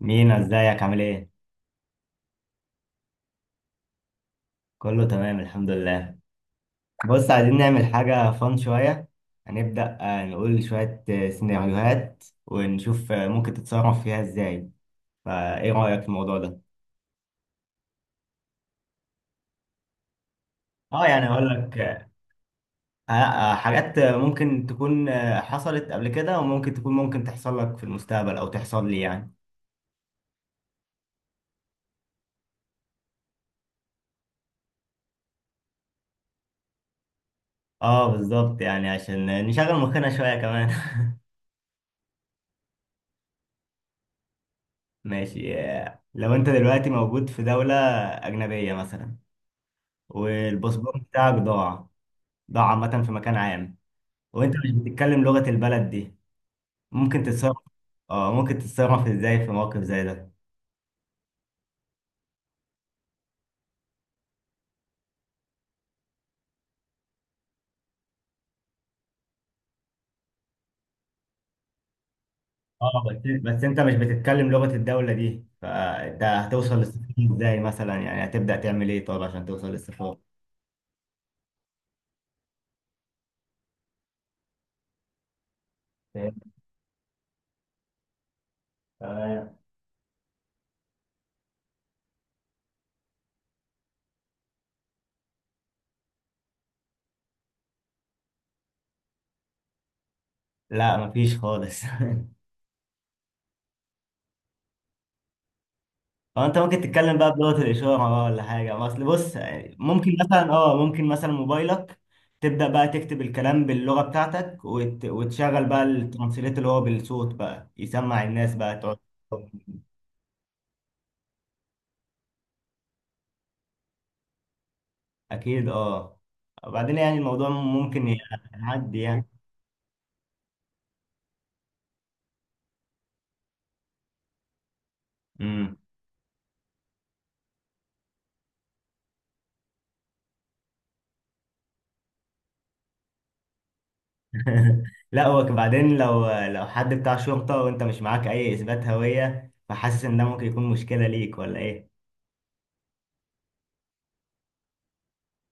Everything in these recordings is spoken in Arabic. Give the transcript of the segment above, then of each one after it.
مينا، ازيك عامل ايه؟ كله تمام الحمد لله. بص، عايزين نعمل حاجة فان شوية. هنبدأ نقول شوية سيناريوهات، ونشوف ممكن تتصرف فيها ازاي. فايه رأيك في الموضوع ده؟ اه يعني اقول لك حاجات ممكن تكون حصلت قبل كده، وممكن تكون ممكن تحصل لك في المستقبل او تحصل لي يعني. اه بالظبط، يعني عشان نشغل مخنا شوية كمان. ماشي، لو انت دلوقتي موجود في دولة أجنبية مثلا، والباسبور بتاعك ضاع، ده عامة في مكان عام، وانت مش بتتكلم لغة البلد دي. ممكن تتصرف اه ممكن تتصرف ازاي في موقف زي ده؟ اه بس انت مش بتتكلم لغة الدولة دي، فانت هتوصل للسفارة ازاي مثلا؟ يعني هتبدأ تعمل ايه طب عشان توصل للسفارة؟ فاهم؟ تمام. لا مفيش خالص. اه انت ممكن تتكلم بقى بلغة الإشارة بقى، ولا حاجة، ما اصل بص يعني، ممكن مثلا موبايلك تبدأ بقى تكتب الكلام باللغة بتاعتك، وتشغل بقى الترانسليت اللي هو بالصوت، بقى يسمع الناس، بقى تقعد. أكيد اه. وبعدين يعني الموضوع ممكن يعدي يعني امم لا هو بعدين، لو حد بتاع شرطة وانت مش معاك أي إثبات هوية، فحاسس إن ده ممكن يكون مشكلة ليك، ولا إيه؟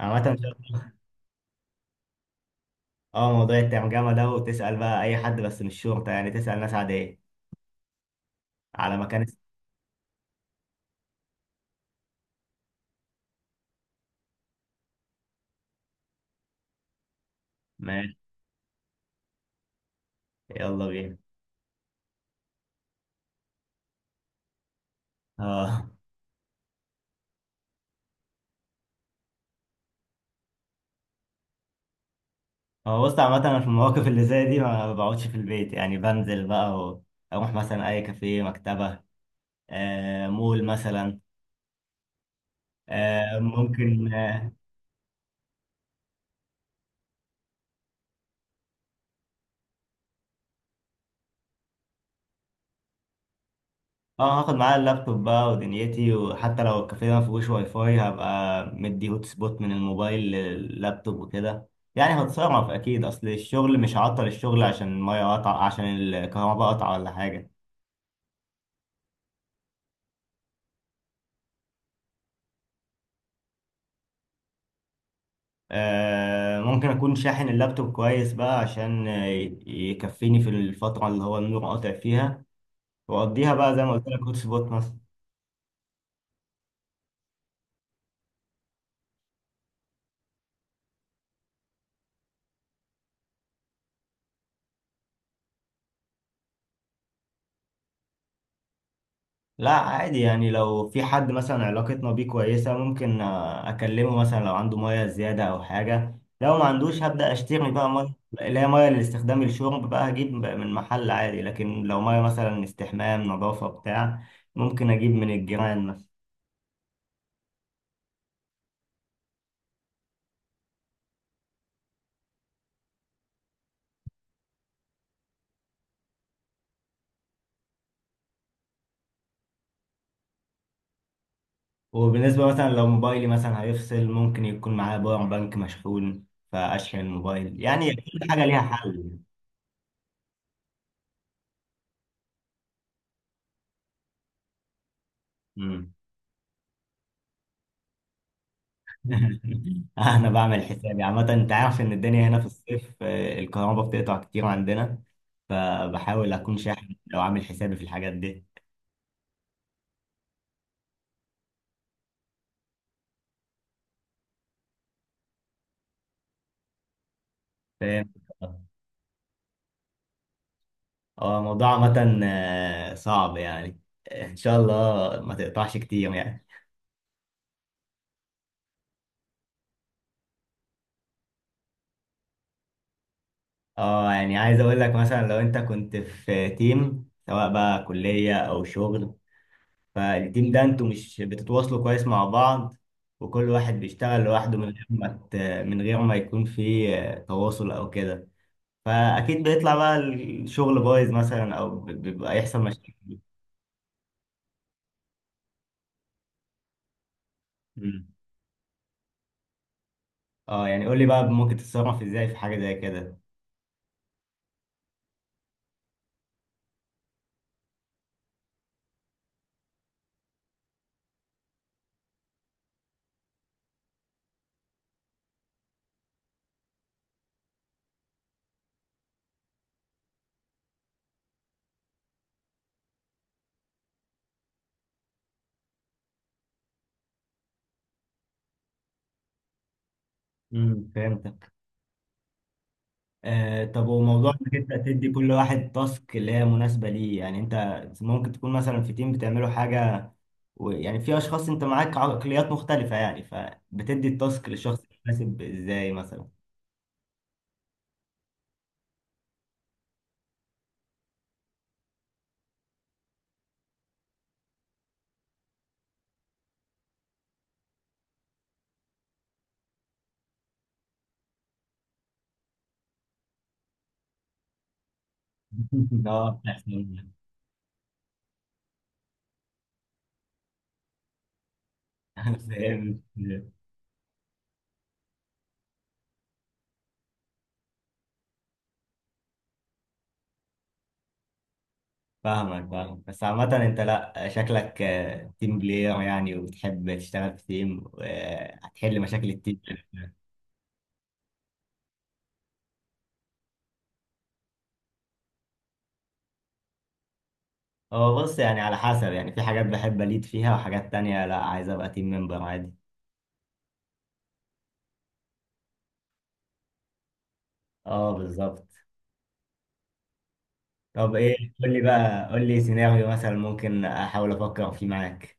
عامة. اه موضوع الترجمة ده، وتسأل بقى أي حد، بس مش شرطة يعني، تسأل ناس عادية على مكان. ماشي، يلا بينا. اه هو بص عامة، أنا في المواقف اللي زي دي ما بقعدش في البيت، يعني بنزل بقى أروح مثلا أي كافيه، مكتبة، مول مثلا، آه ممكن آه، اه هاخد معايا اللابتوب بقى ودنيتي، وحتى لو الكافيه ما فيهوش واي فاي، هبقى مدي هوت سبوت من الموبايل لللابتوب وكده. يعني هتصرف اكيد، اصل الشغل مش هعطل الشغل عشان الميه قطع، عشان الكهرباء قطع، ولا حاجه. ممكن اكون شاحن اللابتوب كويس بقى، عشان يكفيني في الفتره اللي هو النور قاطع فيها، واقضيها بقى زي ما قلت لك هوت سبوت مثلا. لا عادي يعني، لو في حد مثلا علاقتنا بيه كويسة، ممكن أكلمه مثلا لو عنده مية زيادة أو حاجة، لو ما عندوش هبدأ أشتري بقى مية، اللي هي مية لاستخدام الشرب بقى، هجيب من محل عادي. لكن لو مية مثلا استحمام، نظافة، بتاع، ممكن أجيب من الجيران مثلا. وبالنسبة مثلا لو موبايلي مثلا هيفصل، ممكن يكون معايا باور بانك مشحون فأشحن الموبايل، يعني كل حاجة ليها حل. انا بعمل حسابي عامة، انت عارف ان الدنيا هنا في الصيف الكهرباء بتقطع كتير عندنا، فبحاول اكون شاحن، لو عامل حسابي في الحاجات دي. فاهم. هو الموضوع عامة صعب يعني. ان شاء الله ما تقطعش كتير يعني. اه يعني عايز اقول لك مثلا، لو انت كنت في تيم سواء بقى كلية او شغل، فالتيم ده انتوا مش بتتواصلوا كويس مع بعض، وكل واحد بيشتغل لوحده، من غير ما يكون في تواصل او كده، فاكيد بيطلع بقى الشغل بايظ مثلا، او بيبقى يحصل مشاكل. مم. اه يعني قول لي بقى، ممكن تتصرف ازاي في حاجة زي كده. مم. فهمت. آه طب، وموضوع انك انت تدي كل واحد تاسك اللي هي مناسبة ليه، يعني انت ممكن تكون مثلا في تيم بتعملوا حاجة، ويعني في اشخاص انت معاك عقليات مختلفة يعني، فبتدي التاسك للشخص المناسب ازاي مثلا؟ اه بتحسن. فاهم. فاهمك فاهمك، بس عامة انت لا، شكلك تيم بلاير يعني، وبتحب تشتغل في تيم، وهتحل مشاكل التيم. هو بص يعني، على حسب، يعني في حاجات بحب أليد فيها، وحاجات تانية لا، عايز أبقى تيم ممبر عادي. اه بالظبط. طب ايه، قول لي سيناريو مثلا ممكن احاول افكر فيه معاك.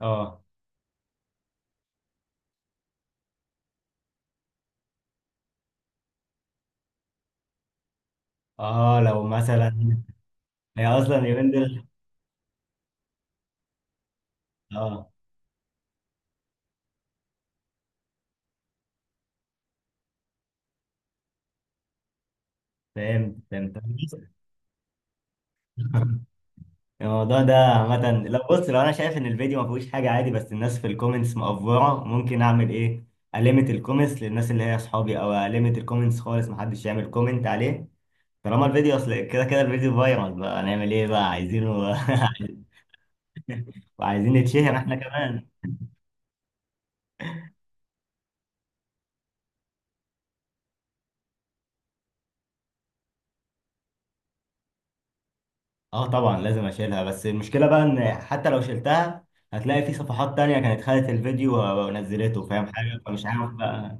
اه اه لو مثلا، هي اصلا اليومين دول، اه فهمت فهمت. الموضوع ده عامة، لو بص، لو انا شايف ان الفيديو ما فيهوش حاجة عادي، بس الناس في الكومنتس مقفورة، ممكن اعمل ايه؟ أليمت الكومنتس للناس اللي هي اصحابي، او أليمت الكومنتس خالص، محدش يعمل كومنت عليه. طالما الفيديو اصل كده كده الفيديو فايرال بقى، هنعمل ايه بقى، عايزينه. وعايزين نتشهر احنا كمان. اه طبعا لازم اشيلها، بس المشكله بقى ان حتى لو شلتها، هتلاقي في صفحات تانية كانت خدت الفيديو ونزلته، فاهم حاجه، فمش عارف بقى.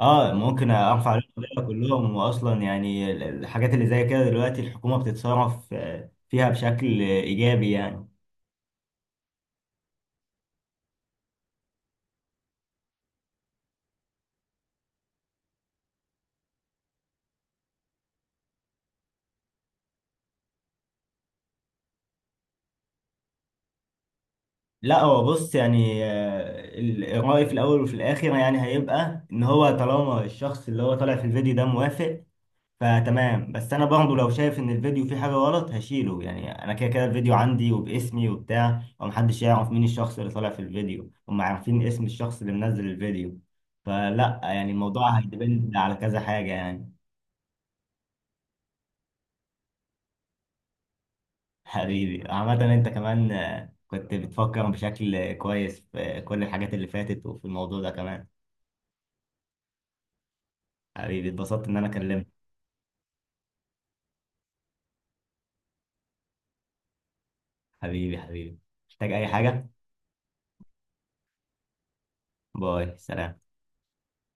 اه ممكن ارفع عليهم القضية كلهم، واصلا يعني الحاجات اللي زي كده دلوقتي الحكومه بتتصرف فيها بشكل ايجابي يعني. لا هو بص يعني، الرأي في الاول وفي الاخر يعني هيبقى ان هو طالما الشخص اللي هو طالع في الفيديو ده موافق، فتمام. بس انا برضه لو شايف ان الفيديو فيه حاجه غلط هشيله، يعني انا كده كده الفيديو عندي وباسمي وبتاع، ومحدش يعرف مين الشخص اللي طالع في الفيديو، هم عارفين اسم الشخص اللي منزل الفيديو. فلا يعني، الموضوع هيدبند على كذا حاجه يعني. حبيبي عامه، انت كمان كنت بتفكر بشكل كويس في كل الحاجات اللي فاتت، وفي الموضوع ده كمان. حبيبي، اتبسطت ان انا كلمتك. حبيبي حبيبي، محتاج اي حاجه؟ باي سلام.